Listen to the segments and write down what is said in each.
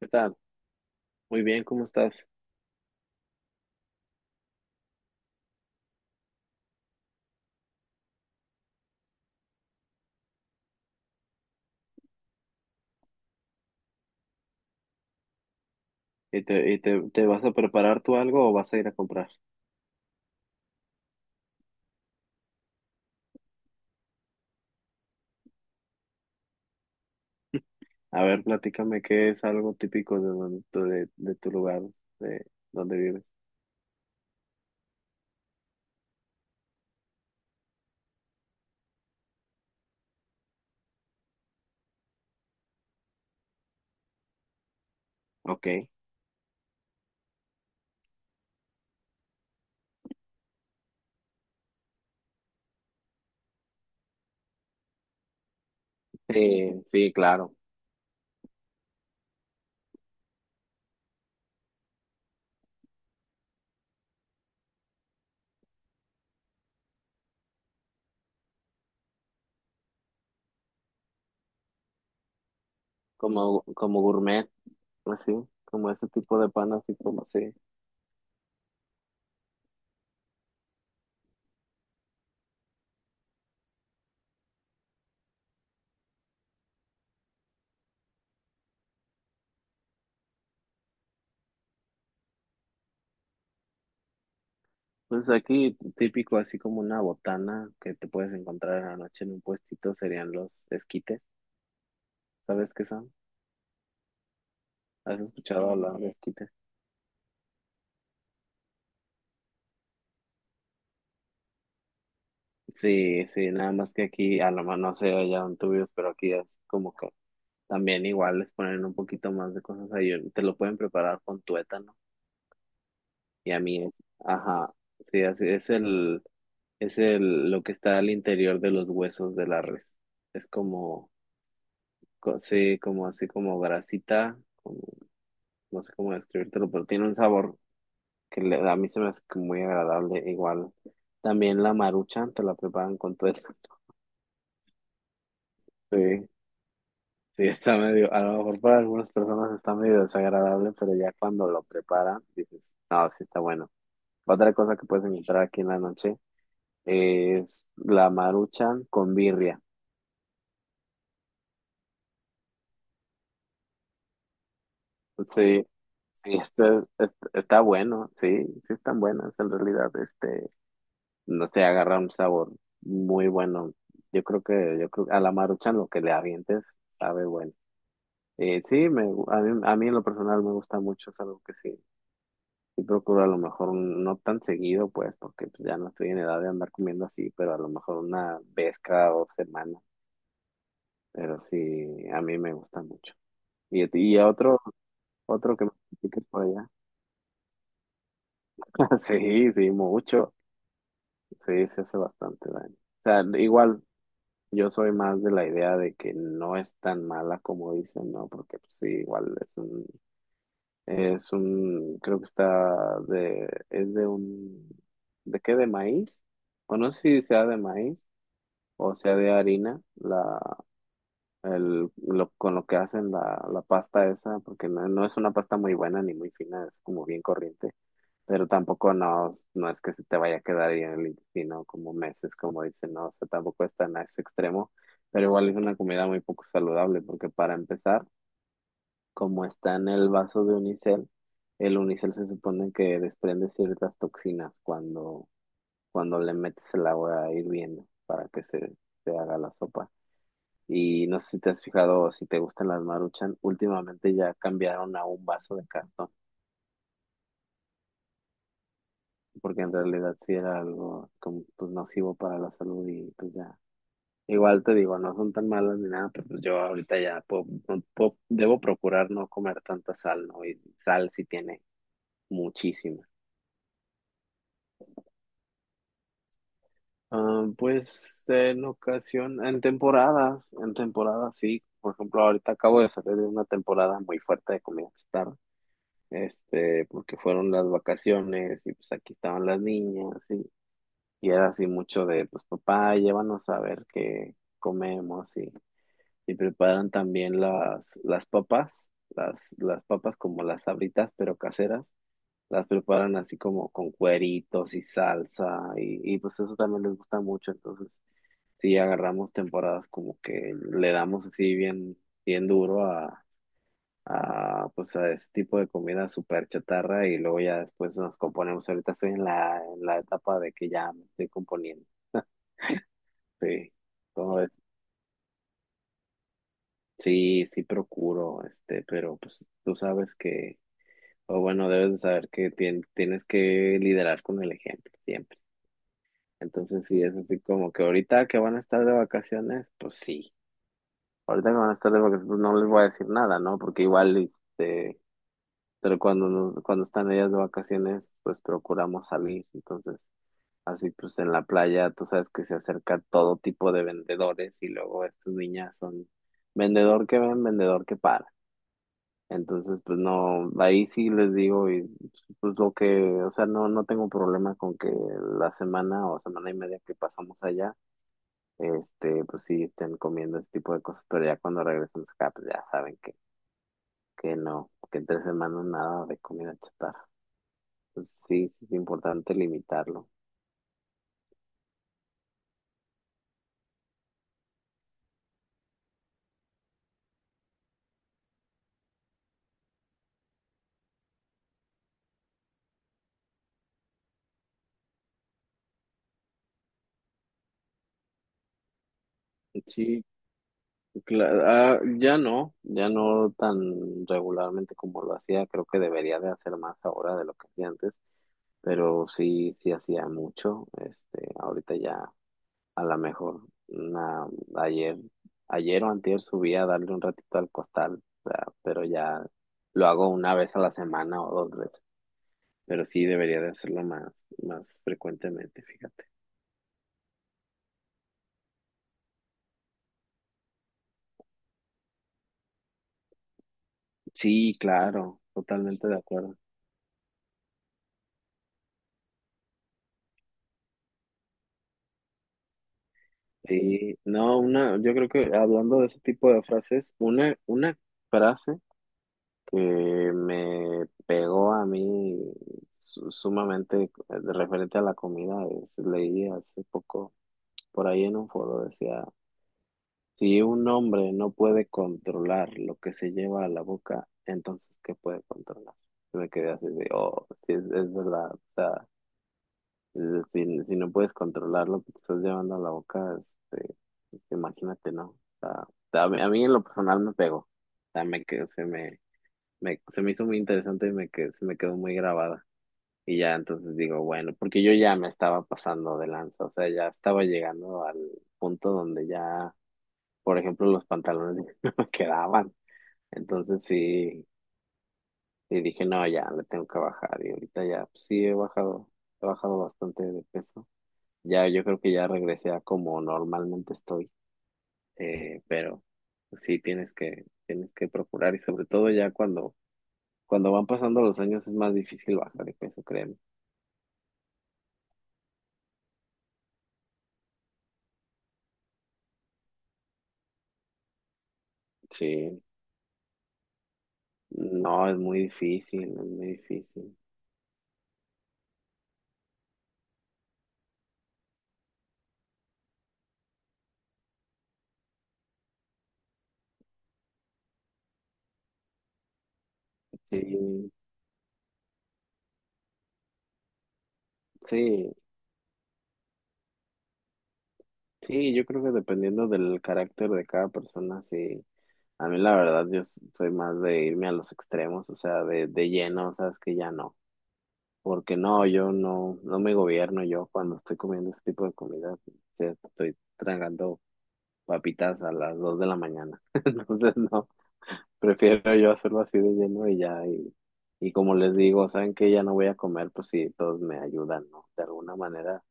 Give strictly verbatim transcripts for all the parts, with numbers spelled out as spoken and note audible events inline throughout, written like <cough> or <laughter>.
¿Qué tal? Muy bien, ¿cómo estás? ¿Y te, y te, te vas a preparar tú algo o vas a ir a comprar? A ver, platícame qué es algo típico de, don- de, de tu lugar, de donde vives. Ok. Sí, sí, claro. Como, como gourmet, así, como ese tipo de pan, así como así. Pues aquí típico, así como una botana que te puedes encontrar en la noche en un puestito, serían los esquites. ¿Sabes qué son? ¿Has escuchado hablar de esquites? Sí, sí, nada más que aquí, a lo mejor no sé allá en tuyos, pero aquí es como que también igual les ponen un poquito más de cosas ahí, te lo pueden preparar con tuétano, y a mí es, ajá, sí, así es el, es el, lo que está al interior de los huesos de la res, es como, co- sí, como así como grasita, como, no sé cómo describírtelo, pero tiene un sabor que le- a mí se me hace que muy agradable, igual, también la maruchan te la preparan con tuétano, sí. Sí, está medio, a lo mejor para algunas personas está medio desagradable, pero ya cuando lo preparan, dices, no, sí está bueno. Otra cosa que puedes encontrar aquí en la noche es la maruchan con birria. Sí, sí, está, es- está bueno, sí, sí están buenas en realidad, este, no sé, agarra un sabor muy bueno. Yo creo que, yo creo a la maruchan lo que le avientes sabe bueno. Eh, sí, me, gu- a mí, a mí en lo personal me gusta mucho, es algo que sí. Y procuro a lo mejor no tan seguido, pues, porque pues, ya no estoy en edad de andar comiendo así, pero a lo mejor una vez cada dos semanas. Pero sí, a mí me gusta mucho. Y, a ti- y a otro, otro que me critiques por allá. <laughs> Sí, sí, mucho. Sí, se hace bastante daño. O sea, igual yo soy más de la idea de que no es tan mala como dicen, ¿no? Porque pues, sí, igual es un, es un, creo que está de, es de un, ¿de qué? ¿De maíz? O no sé si sea de maíz o sea de harina, la, el, lo- con lo que hacen la, la pasta esa, porque no, no es una pasta muy buena ni muy fina, es como bien corriente, pero tampoco no, no es que se te vaya a quedar ahí en el intestino como meses, como dicen, no, o sea, tampoco es tan a ese extremo, pero igual es una comida muy poco saludable, porque para empezar, como está en el vaso de unicel, el unicel se supone que desprende ciertas toxinas cuando, cuando le metes el agua hirviendo para que se, se haga la sopa. Y no sé si te has fijado o si te gustan las Maruchan, últimamente ya cambiaron a un vaso de cartón, porque en realidad sí era algo como pues nocivo para la salud y pues ya. Igual te digo, no son tan malas ni nada, pero pues yo ahorita ya puedo- no puedo- debo procurar no comer tanta sal, ¿no? Y sal sí tiene muchísima. Ah, pues en ocasión, en temporadas, en temporadas sí. Por ejemplo, ahorita acabo de salir de una temporada muy fuerte de comida este, porque fueron las vacaciones y pues aquí estaban las niñas y, y era así mucho de, pues papá, llévanos a ver qué comemos y, y preparan también las, las papas, las, las papas como las sabritas pero caseras, las preparan así como con cueritos y salsa y, y pues eso también les gusta mucho, entonces sí agarramos temporadas como que le damos así bien, bien duro a, pues a ese tipo de comida súper chatarra y luego ya después nos componemos. Ahorita estoy en la, en la etapa de que ya me estoy componiendo. Sí, ¿cómo ves? Sí, sí procuro, este, pero pues tú sabes que, o bueno, debes de saber que tien- tienes que liderar con el ejemplo siempre. Entonces, sí, es así como que ahorita que van a estar de vacaciones, pues sí. Ahorita que van a estar de vacaciones, pues no les voy a decir nada, ¿no? Porque igual, este, pero cuando, nos- cuando están ellas de vacaciones, pues procuramos salir. Entonces, así pues en la playa, tú sabes que se acerca todo tipo de vendedores y luego estas niñas son vendedor que ven, vendedor que para. Entonces, pues no, ahí sí les digo, y pues lo que, o sea, no, no tengo problema con que la semana o semana y media que pasamos allá, este, pues sí estén comiendo ese tipo de cosas, pero ya cuando regresamos acá, pues ya saben que, que no, que en tres semanas nada de comida chatarra. Sí, sí es importante limitarlo. Sí, cla- ah, ya no, ya no tan regularmente como lo hacía, creo que debería de hacer más ahora de lo que hacía antes, pero sí, sí hacía mucho, este, ahorita ya a lo mejor una, ayer, ayer o antier subí a darle un ratito al costal, o sea, pero ya lo hago una vez a la semana o dos veces, pero sí debería de hacerlo más, más frecuentemente, fíjate. Sí, claro, totalmente de acuerdo. Sí, no, una, yo creo que hablando de ese tipo de frases, una, una frase que me pegó a mí su- sumamente eh, referente a la comida, es- leí hace poco por ahí en un foro, decía, si un hombre no puede controlar lo que se lleva a la boca, entonces ¿qué puede controlar? Y me quedé así de, oh, sí, es, es verdad, eh, si, si no puedes controlar lo que te estás llevando a la boca, este, este, imagínate, ¿no? O sea, a mí, a mí en lo personal me pegó. O sea, me, que- se me, me- se me hizo muy interesante y me, que- se me quedó muy grabada. Y ya entonces digo, bueno, porque yo ya me estaba pasando de lanza, o sea, ya estaba llegando al punto donde ya, por ejemplo, los pantalones <laughs> no me quedaban. Entonces sí, y dije, no, ya le tengo que bajar. Y ahorita ya, pues, sí he bajado, he bajado bastante de peso. Ya, yo creo que ya regresé a como normalmente estoy, eh, pero sí tienes que, tienes que procurar y sobre todo ya cuando, cuando van pasando los años es más difícil bajar de peso, créeme. Sí, no, es muy difícil, es muy difícil. Sí, sí, sí, yo creo que dependiendo del carácter de cada persona, sí. A mí la verdad, yo s- soy más de irme a los extremos, o sea, de, de lleno, sabes que ya no. Porque no, yo no, no me gobierno yo cuando estoy comiendo ese tipo de comida. O sea, estoy tragando papitas a las dos de la mañana. <laughs> Entonces, no, prefiero yo hacerlo así de lleno y ya. Y, y como les digo, saben que ya no voy a comer, pues sí, todos me ayudan, ¿no? De alguna manera,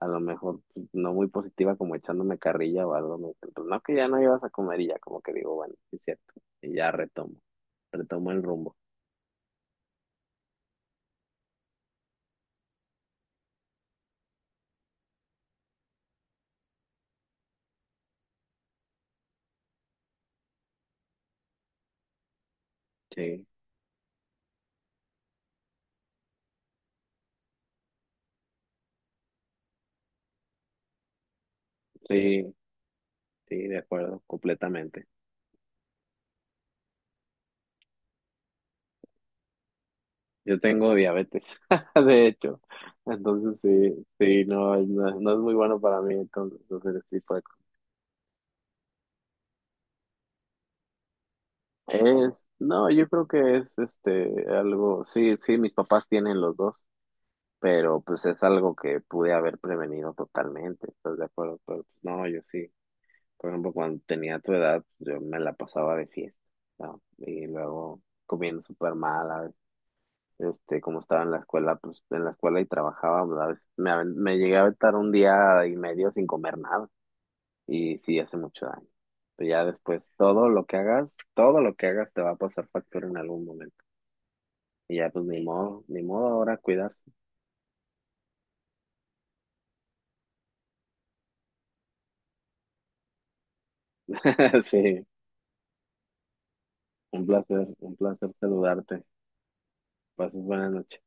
a lo mejor pues, no muy positiva, como echándome carrilla o algo. Me dicen, pues no, que ya no ibas a comer y ya como que digo, bueno, sí es cierto. Y ya retomo, retomo el rumbo. Sí, sí, sí, de acuerdo, completamente. Yo tengo diabetes, <laughs> de hecho. Entonces sí, sí, no, no, no es muy bueno para mí entonces hacer este tipo de cosas. Es, no, yo creo que es este algo, sí, sí, mis papás tienen los dos, pero pues es algo que pude haber prevenido totalmente, ¿estás de acuerdo? Pero pues, no, yo sí. Por ejemplo, cuando tenía tu edad, yo me la pasaba de fiesta, ¿no? Y luego comiendo súper mal, este, como estaba en la escuela, pues en la escuela y trabajaba, pues, a veces me, aven- me llegué a aventar un día y medio sin comer nada y sí hace mucho daño. Pero ya después todo lo que hagas, todo lo que hagas te va a pasar factura en algún momento. Y ya pues ni modo, ni modo ahora cuidarse. <laughs> Sí, un placer, un placer saludarte. Pases buenas noches.